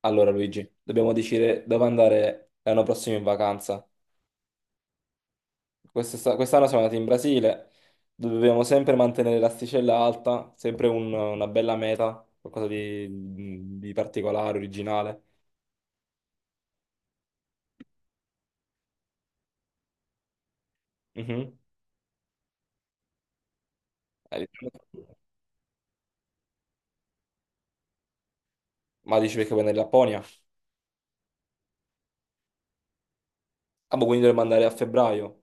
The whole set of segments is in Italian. Allora Luigi, dobbiamo decidere dove andare l'anno prossimo in vacanza. Quest'anno siamo andati in Brasile, dobbiamo sempre mantenere l'asticella alta, sempre una bella meta, qualcosa di particolare, originale. Mhm. Eh, ma dici perché vuoi andare in Lapponia? Ah, boh, quindi dovremmo andare a febbraio.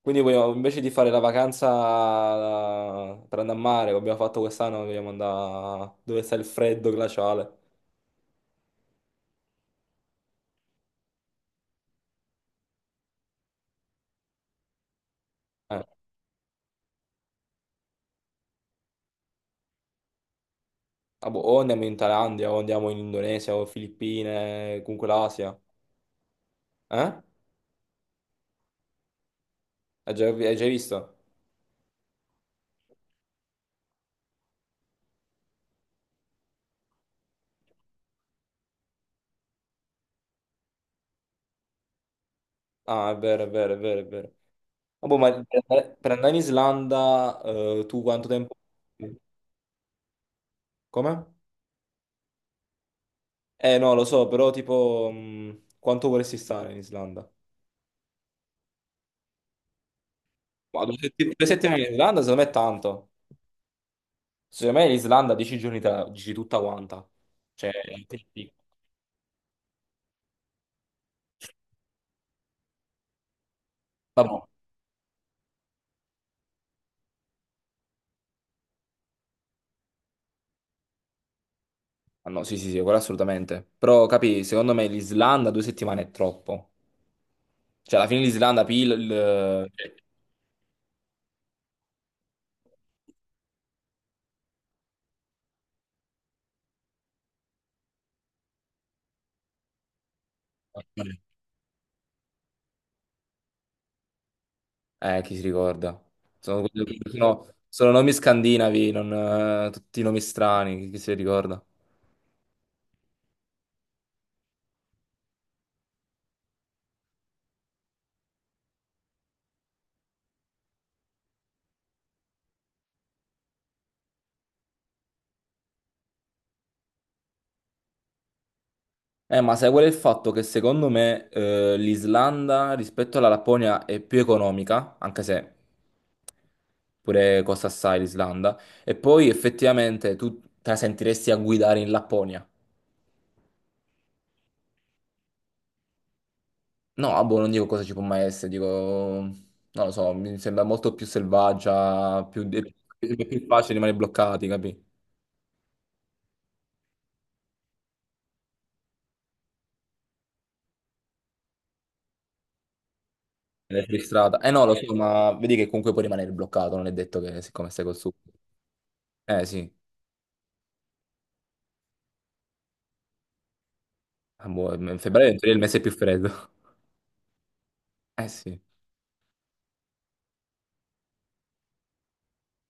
Invece di fare la vacanza per andare a mare, come abbiamo fatto quest'anno, vogliamo andare dove sta il freddo glaciale. Eh. Ah, boh, o andiamo in Thailandia, o andiamo in Indonesia, o Filippine, comunque l'Asia. Eh? Hai già visto? Ah, è vero, è vero, è vero, è vero. Ah, boh, ma per andare in Islanda, tu quanto tempo? Come? No, lo so, però tipo, quanto vorresti stare in Islanda? Ma due settimane in Islanda, secondo me è tanto. Secondo me l'Islanda, 10 giorni te la dici tutta quanta. Cioè, te- vabbè. Ah, no, sì, sì, sì, quello assolutamente. Però, capi, secondo me l'Islanda 2 settimane è troppo. Cioè, alla fine l'Islanda. Chi si ricorda? Sono, sono nomi scandinavi, non, tutti nomi strani, chi si ricorda? Ma sai qual è il fatto? Che secondo me l'Islanda rispetto alla Lapponia è più economica, anche se pure costa assai l'Islanda, e poi effettivamente tu te la sentiresti a guidare in Lapponia. No, ah, boh, non dico cosa ci può mai essere, dico, non lo so, mi sembra molto più selvaggia, è più facile rimanere bloccati, capi? Nella strada. Eh no, lo so, ma vedi che comunque puoi rimanere bloccato, non è detto che siccome stai col sud. Eh sì. Ah, boh, in febbraio in teoria, è il mese più freddo. Eh sì.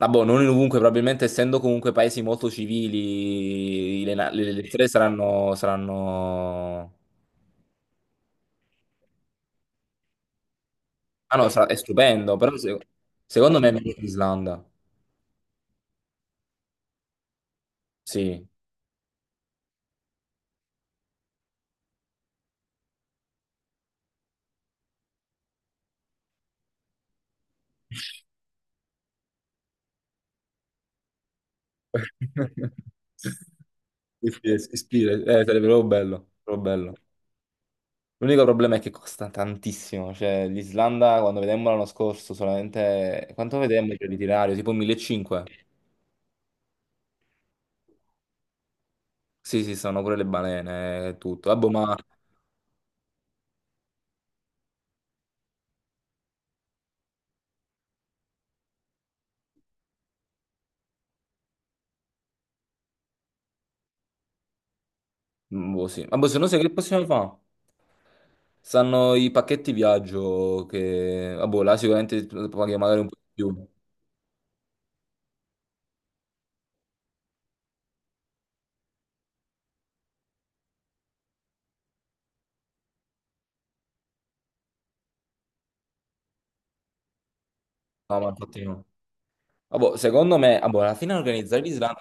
Ah, boh, non in ovunque, probabilmente essendo comunque paesi molto civili, le strade saranno. Ah no, sarà- È stupendo, però secondo me è meglio che l'Islanda, sì. Sì, sì, si ispira, sarebbe proprio bello, proprio bello. L'unico problema è che costa tantissimo, cioè l'Islanda quando vedemmo l'anno scorso solamente, quanto vedemmo il l'itinerario? Tipo 1500? Sì, sì, sono pure le balene e tutto. Vabbè, ma, mm, boh, sì. Vabbè, se no sai che possiamo fare? Stanno i pacchetti viaggio che, vabbè, là sicuramente paghi magari un po' di più. No, ma infatti no. Vabbè, secondo me, vabbè, alla fine organizzare l'Islanda.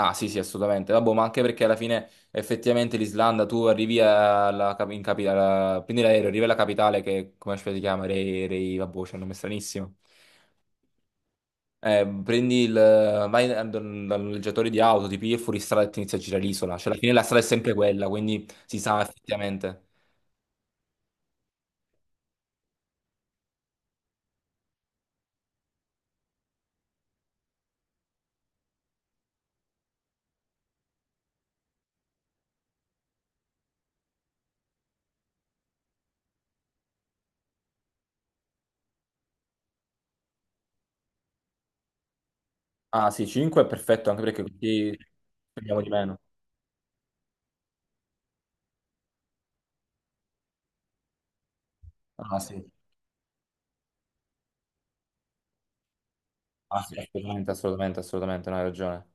Ah, sì, sì, assolutamente. Vabbè, ma anche perché alla fine effettivamente l'Islanda, tu arrivi alla, cap- in capi- alla- prendi l'aereo, arrivi alla capitale che, come si chiama, vabbè, c'è un nome stranissimo. Prendi vai dal noleggiatore di auto, ti pigli fuori strada e ti inizi a girare l'isola. Cioè, alla fine la strada è sempre quella, quindi si sa effettivamente. Ah, sì, cinque è perfetto, anche perché così spendiamo di meno. Ah, sì, ah, sì, assolutamente, assolutamente, assolutamente, no, hai ragione.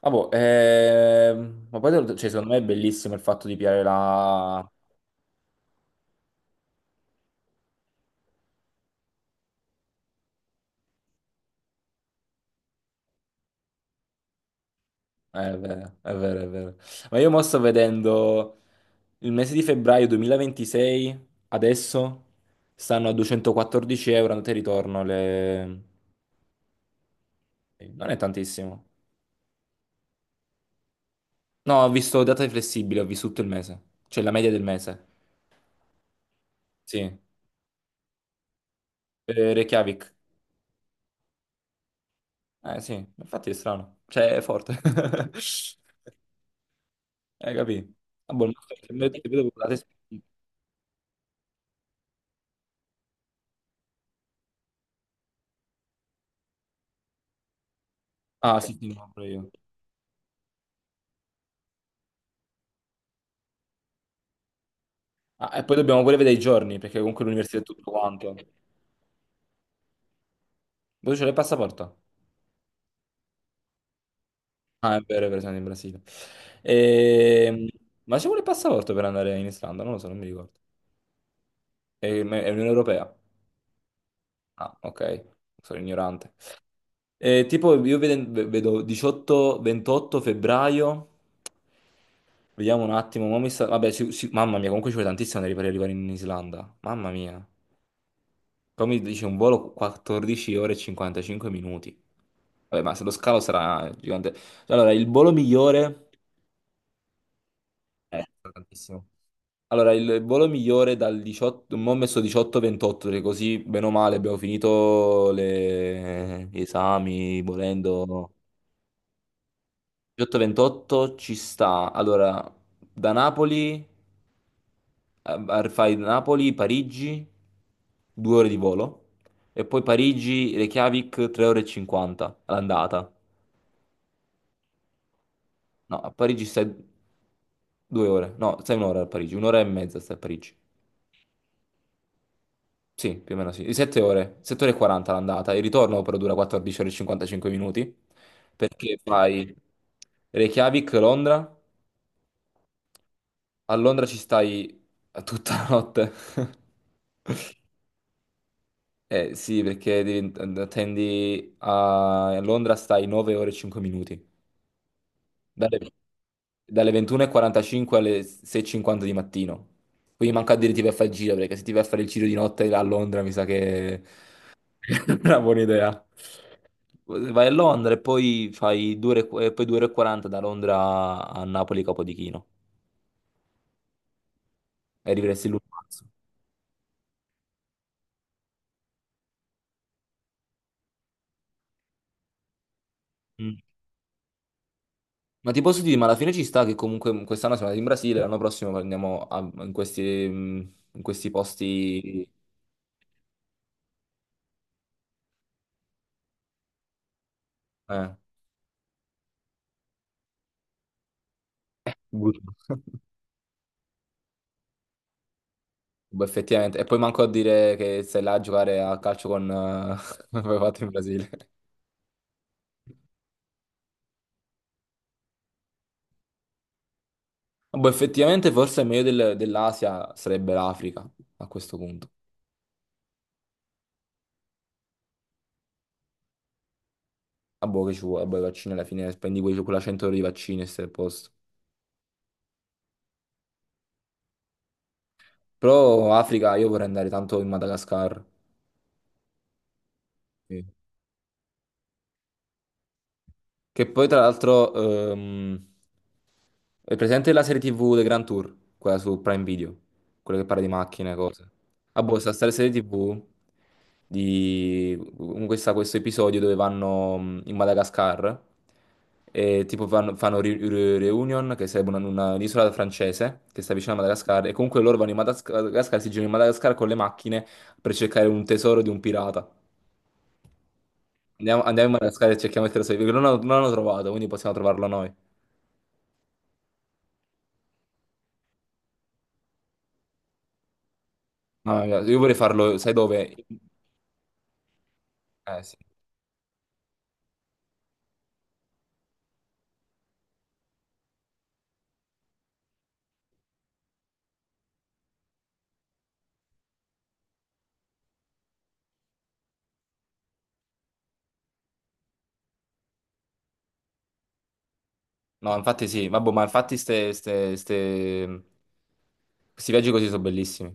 Ah, boh, ma poi, cioè, secondo me è bellissimo il fatto di piare la. Eh, è vero, è vero, è vero. Ma io mo sto vedendo il mese di febbraio 2026, adesso stanno a €214 andata e ritorno. Eh, non è tantissimo. No, ho visto data flessibile, ho visto tutto il mese. Cioè la media del mese. Sì. Reykjavik. Eh sì, infatti è strano. Cioè è forte. Hai capito? Ah, boh, ma- Ah, sì, sì, no, pure io. Ah, e poi dobbiamo pure vedere i giorni, perché comunque l'università è tutto quanto. Voi c'è il passaporto? Ah, è vero, siamo in Brasile. Ehm, Ma c'è pure il passaporto per andare in Islanda? Non lo so, non mi ricordo. È Unione Europea? Ah, ok, sono ignorante. Tipo, io vedo 18-28 febbraio. Vediamo un attimo. Mo vabbè, mamma mia, comunque ci vuole tantissimo per arrivare in Islanda. Mamma mia. Però mi dice un volo 14 ore e 55 minuti. Vabbè, ma se lo scalo sarà gigante. Allora, il volo migliore. Sarà tantissimo. Allora, il volo migliore dal 18. Mo' ho messo 18-28, perché così, bene o male, abbiamo finito gli esami, volendo. 18-28 ci sta. Allora, da Napoli, fai Napoli, Parigi, due ore di volo. E poi Parigi, Reykjavik, 3 ore e 50 all'andata. No, a Parigi stai 2 ore. No, stai 1 ora a Parigi, 1 ora e mezza stai a Parigi. Sì, più o meno sì. 7 ore, 7 ore e 40 l'andata. Il ritorno però dura 14 ore e 55 minuti. Perché fai Reykjavik, Londra. A Londra ci stai tutta la notte. Eh sì, perché attendi a Londra stai 9 ore e 5 minuti. Dalle dalle 21:45 alle 6:50 di mattino. Quindi manca a dire ti vai a fare il giro, perché se ti vai a fare il giro di notte a Londra mi sa che non è una buona idea. Vai a Londra e poi fai 2 ore, e poi 2 ore e 40 da Londra a Napoli Capodichino e arriveresti l'uno marzo. Mm. Ma ti posso dire, ma alla fine ci sta che comunque quest'anno siamo andati in Brasile, l'anno prossimo andiamo in questi, mm, in questi posti. Eh. Brutti. Boh, effettivamente. E poi manco a dire che sei là a giocare a calcio con, come hai fatto in Brasile. Boh, effettivamente forse meglio dell'Asia sarebbe l'Africa a questo punto. Ah, boh, che ci vuole? Boh, i vaccini alla fine spendi quella €100 di vaccini e stai a posto. Però Africa, io vorrei andare tanto in Madagascar. Sì. Che poi tra l'altro, ehm, è presente la serie TV The Grand Tour, quella su Prime Video, quella che parla di macchine, cose. Ah, boh, sta serie TV di con questo episodio dove vanno in Madagascar e tipo fanno Reunion, che sarebbe un'isola francese che sta vicino a Madagascar, e comunque loro vanno Madagascar, si girano in Madagascar con le macchine per cercare un tesoro di un pirata. Andiamo, andiamo in Madagascar e cerchiamo il tesoro, perché non l'hanno trovato, quindi possiamo trovarlo noi. No, io vorrei farlo, sai dove? Eh sì. No, infatti sì, vabbè, ma infatti questi viaggi così sono bellissimi.